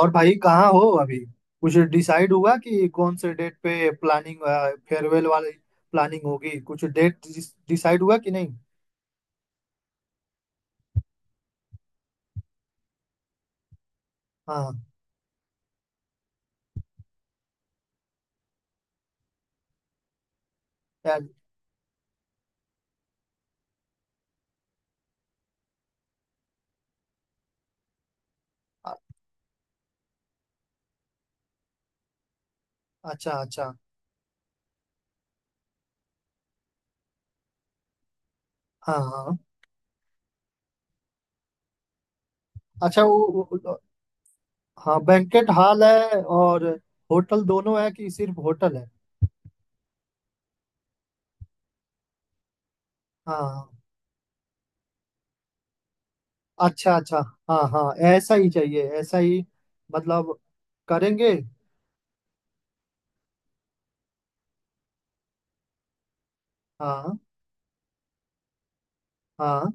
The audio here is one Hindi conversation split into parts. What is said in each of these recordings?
और भाई कहाँ हो अभी? कुछ डिसाइड हुआ कि कौन से डेट पे प्लानिंग, फेयरवेल वाली प्लानिंग होगी? कुछ डेट डिसाइड हुआ कि नहीं? हाँ। यार, अ- अच्छा अच्छा। हाँ हाँ। अच्छा वो वो- वो- हाँ, बैंकेट हॉल है और होटल दोनों है कि सिर्फ होटल है? हाँ हाँ। अच्छा अच्छा। हाँ हाँ, ऐसा ही चाहिए, ऐसा ही मतलब करेंगे। हाँ हाँ।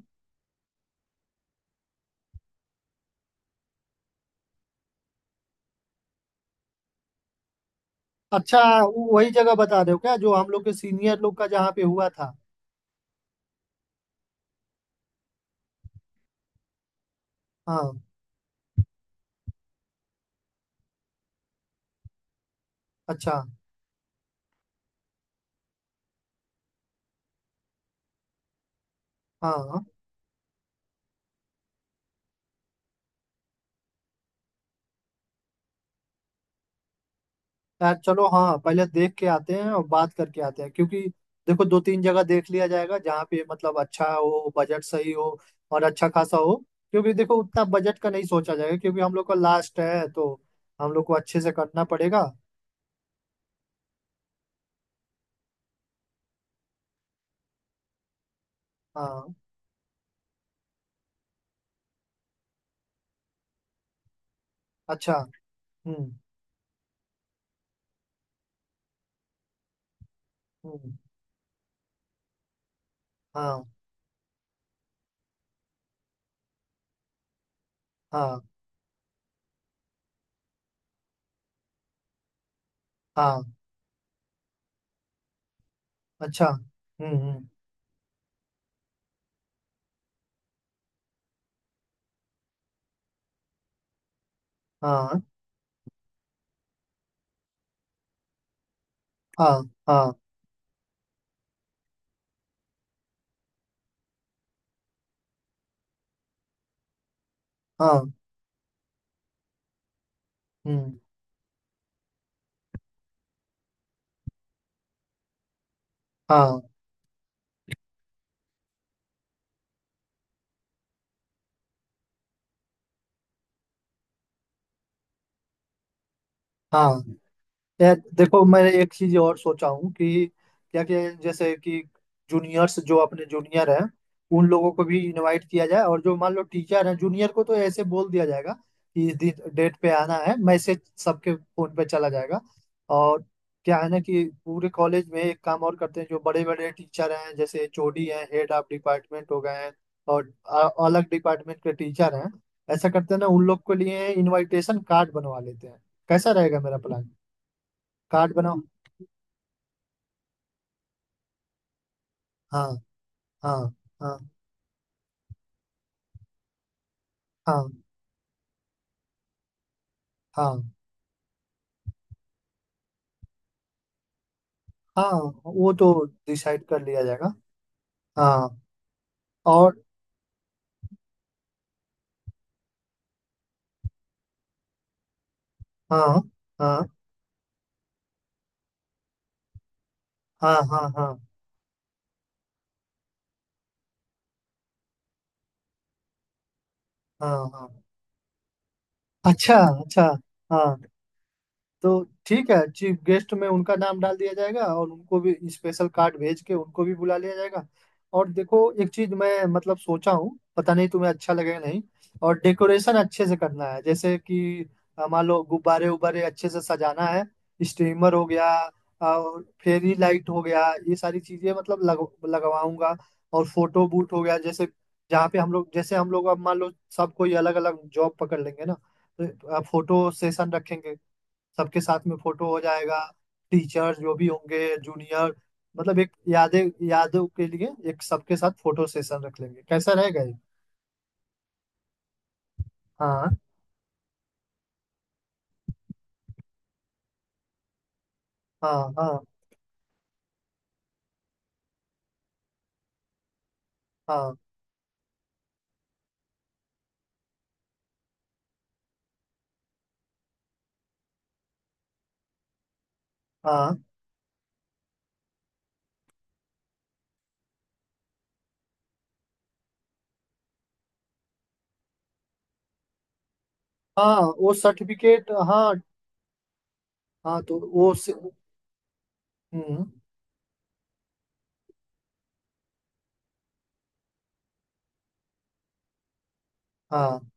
वही जगह बता रहे हो क्या, जो हम लोग के सीनियर लोग का जहाँ पे हुआ था? हाँ। अच्छा। हाँ। यार चलो, हाँ, पहले देख के आते हैं और बात करके आते हैं, क्योंकि देखो 2-3 जगह देख लिया जाएगा जहाँ पे मतलब अच्छा हो, बजट सही हो और अच्छा खासा हो। क्योंकि देखो उतना बजट का नहीं सोचा जाएगा क्योंकि हम लोग का लास्ट है, तो हम लोग को अच्छे से करना पड़ेगा। हाँ। अच्छा, हम्म हम्म। हाँ हाँ हाँ। अच्छा, हम्म। हाँ हाँ हाँ हाँ। हम्म। हाँ हाँ। यार देखो, मैं एक चीज और सोचा हूँ कि क्या क्या, जैसे कि जूनियर्स जो अपने जूनियर हैं, उन लोगों को भी इनवाइट किया जाए, और जो मान लो टीचर हैं जूनियर को, तो ऐसे बोल दिया जाएगा कि इस दिन डेट पे आना है, मैसेज सबके फोन पे चला जाएगा। और क्या है ना, कि पूरे कॉलेज में एक काम और करते हैं, जो बड़े बड़े टीचर हैं जैसे एचओडी हैं, हेड ऑफ डिपार्टमेंट हो गए हैं, और अलग डिपार्टमेंट के टीचर हैं, ऐसा करते हैं ना, उन लोग के लिए इनविटेशन कार्ड बनवा लेते हैं। कैसा रहेगा मेरा प्लान? कार्ड बनाओ। हाँ हाँ। हाँ हाँ। हाँ हाँ। वो तो डिसाइड कर लिया जाएगा। हाँ। और हाँ हाँ हाँ हाँ हाँ हाँ हाँ। अच्छा अच्छा। हाँ, तो ठीक है, चीफ गेस्ट में उनका नाम डाल दिया जाएगा और उनको भी स्पेशल कार्ड भेज के उनको भी बुला लिया जाएगा। और देखो एक चीज मैं मतलब सोचा हूँ, पता नहीं तुम्हें अच्छा लगेगा नहीं। और डेकोरेशन अच्छे से करना है, जैसे कि मान लो गुब्बारे उब्बारे अच्छे से सजाना है, स्ट्रीमर हो गया, और फेरी लाइट हो गया, ये सारी चीजें मतलब लगवाऊंगा। और फोटो बूट हो गया, जैसे जहाँ पे हम लोग, जैसे हम लोग अब मान लो सब कोई अलग अलग जॉब पकड़ लेंगे ना, तो फोटो सेशन रखेंगे, सबके साथ में फोटो हो जाएगा, टीचर्स जो भी होंगे, जूनियर, मतलब एक यादें, यादों के लिए एक सबके साथ फोटो सेशन रख लेंगे। कैसा रहेगा ये? हाँ हाँ। हाँ हाँ। हाँ हाँ, वो सर्टिफिकेट, हाँ। हाँ तो वो से- हम्म। हाँ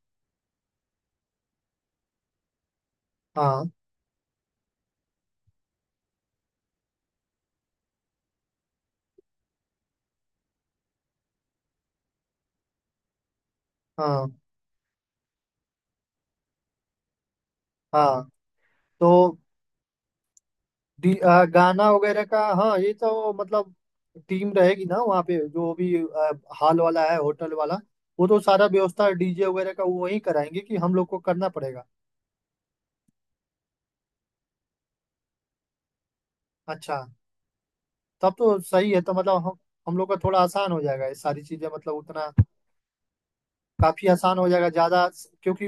हाँ। हाँ हाँ। तो गाना वगैरह का, हाँ, ये तो मतलब टीम रहेगी ना वहाँ पे, जो भी हॉल वाला है, होटल वाला, वो तो सारा व्यवस्था डीजे वगैरह का वो वही कराएंगे कि हम लोग को करना पड़ेगा? अच्छा। तब तो सही है, तो मतलब हम लोग का थोड़ा आसान हो जाएगा, ये सारी चीजें मतलब उतना, काफी आसान हो जाएगा ज्यादा। क्योंकि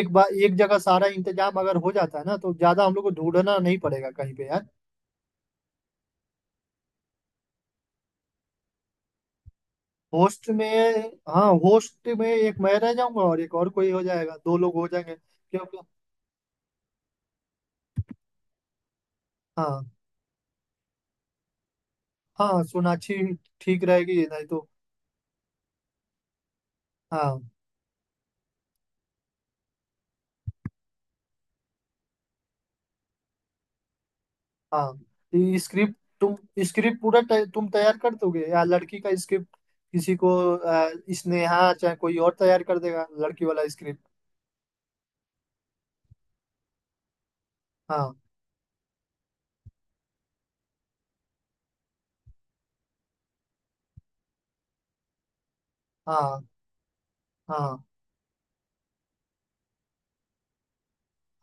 एक बार एक जगह सारा इंतजाम अगर हो जाता है ना, तो ज्यादा हम लोग को ढूंढना नहीं पड़ेगा कहीं पे यार। होस्ट में, हाँ, होस्ट में एक मैं रह जाऊंगा और एक और कोई हो जाएगा, दो लोग हो जाएंगे, क्योंकि हाँ। हाँ, सोनाक्षी ठीक रहेगी, नहीं तो। हाँ हाँ। तो ये स्क्रिप्ट तुम, स्क्रिप्ट पूरा तुम तैयार कर दोगे या लड़की का स्क्रिप्ट किसी को, आ, स्नेहा चाहे कोई और तैयार कर देगा लड़की वाला स्क्रिप्ट? हाँ हाँ हाँ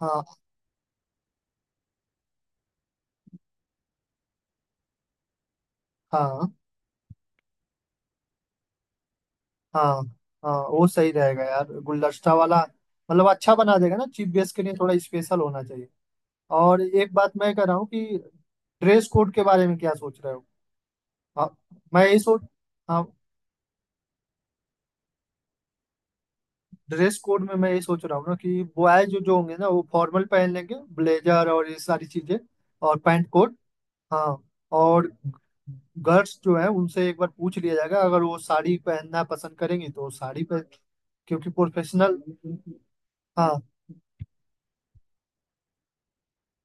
हाँ। हाँ हाँ। हाँ, वो सही रहेगा यार, गुलदस्ता वाला, मतलब अच्छा बना देगा ना, चीफ गेस्ट के लिए थोड़ा स्पेशल होना चाहिए। और एक बात मैं कह रहा हूँ कि ड्रेस कोड के बारे में क्या सोच रहे हो? हाँ, मैं यही सोच, हाँ, ड्रेस कोड में मैं ये सोच रहा हूँ ना कि बॉयज जो जो होंगे ना, वो फॉर्मल पहन लेंगे, ब्लेजर और ये सारी चीजें, और पैंट कोट। हाँ। और गर्ल्स जो है, उनसे एक बार पूछ लिया जाएगा, अगर वो साड़ी पहनना पसंद करेंगी तो वो साड़ी पहन, क्योंकि प्रोफेशनल। हाँ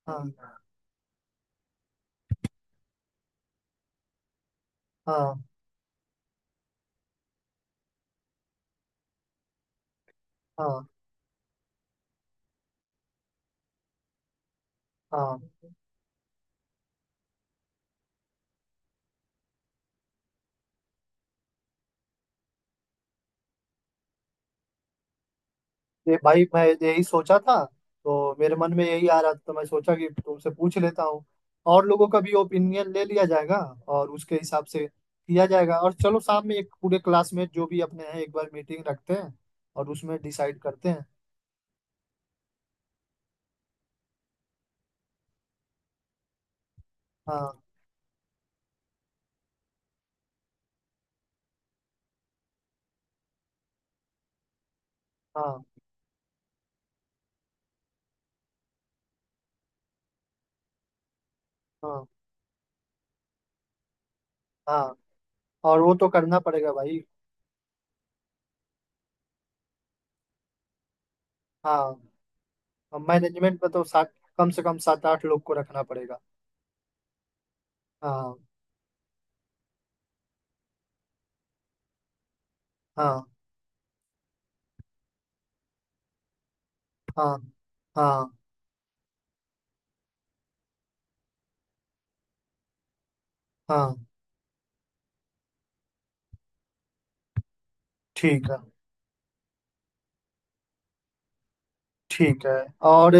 हाँ हाँ हाँ हाँ। ये भाई मैं यही सोचा था, तो मेरे मन में यही आ रहा था, तो मैं सोचा कि तुमसे पूछ लेता हूँ। और लोगों का भी ओपिनियन ले लिया जाएगा, और उसके हिसाब से किया जाएगा। और चलो शाम में एक पूरे क्लासमेट जो भी अपने हैं एक बार मीटिंग रखते हैं, और उसमें डिसाइड करते हैं। हाँ हाँ हाँ हाँ। और वो तो करना पड़ेगा भाई। हाँ, मैनेजमेंट में तो 7, कम से कम 7-8 लोग को रखना पड़ेगा। हाँ हाँ हाँ हाँ हाँ। ठीक है। ठीक है। और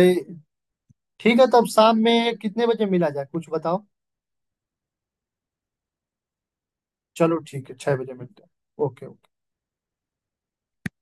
ठीक है, तब शाम में कितने बजे मिला जाए, कुछ बताओ? चलो ठीक है, 6 बजे मिलते हैं। ओके।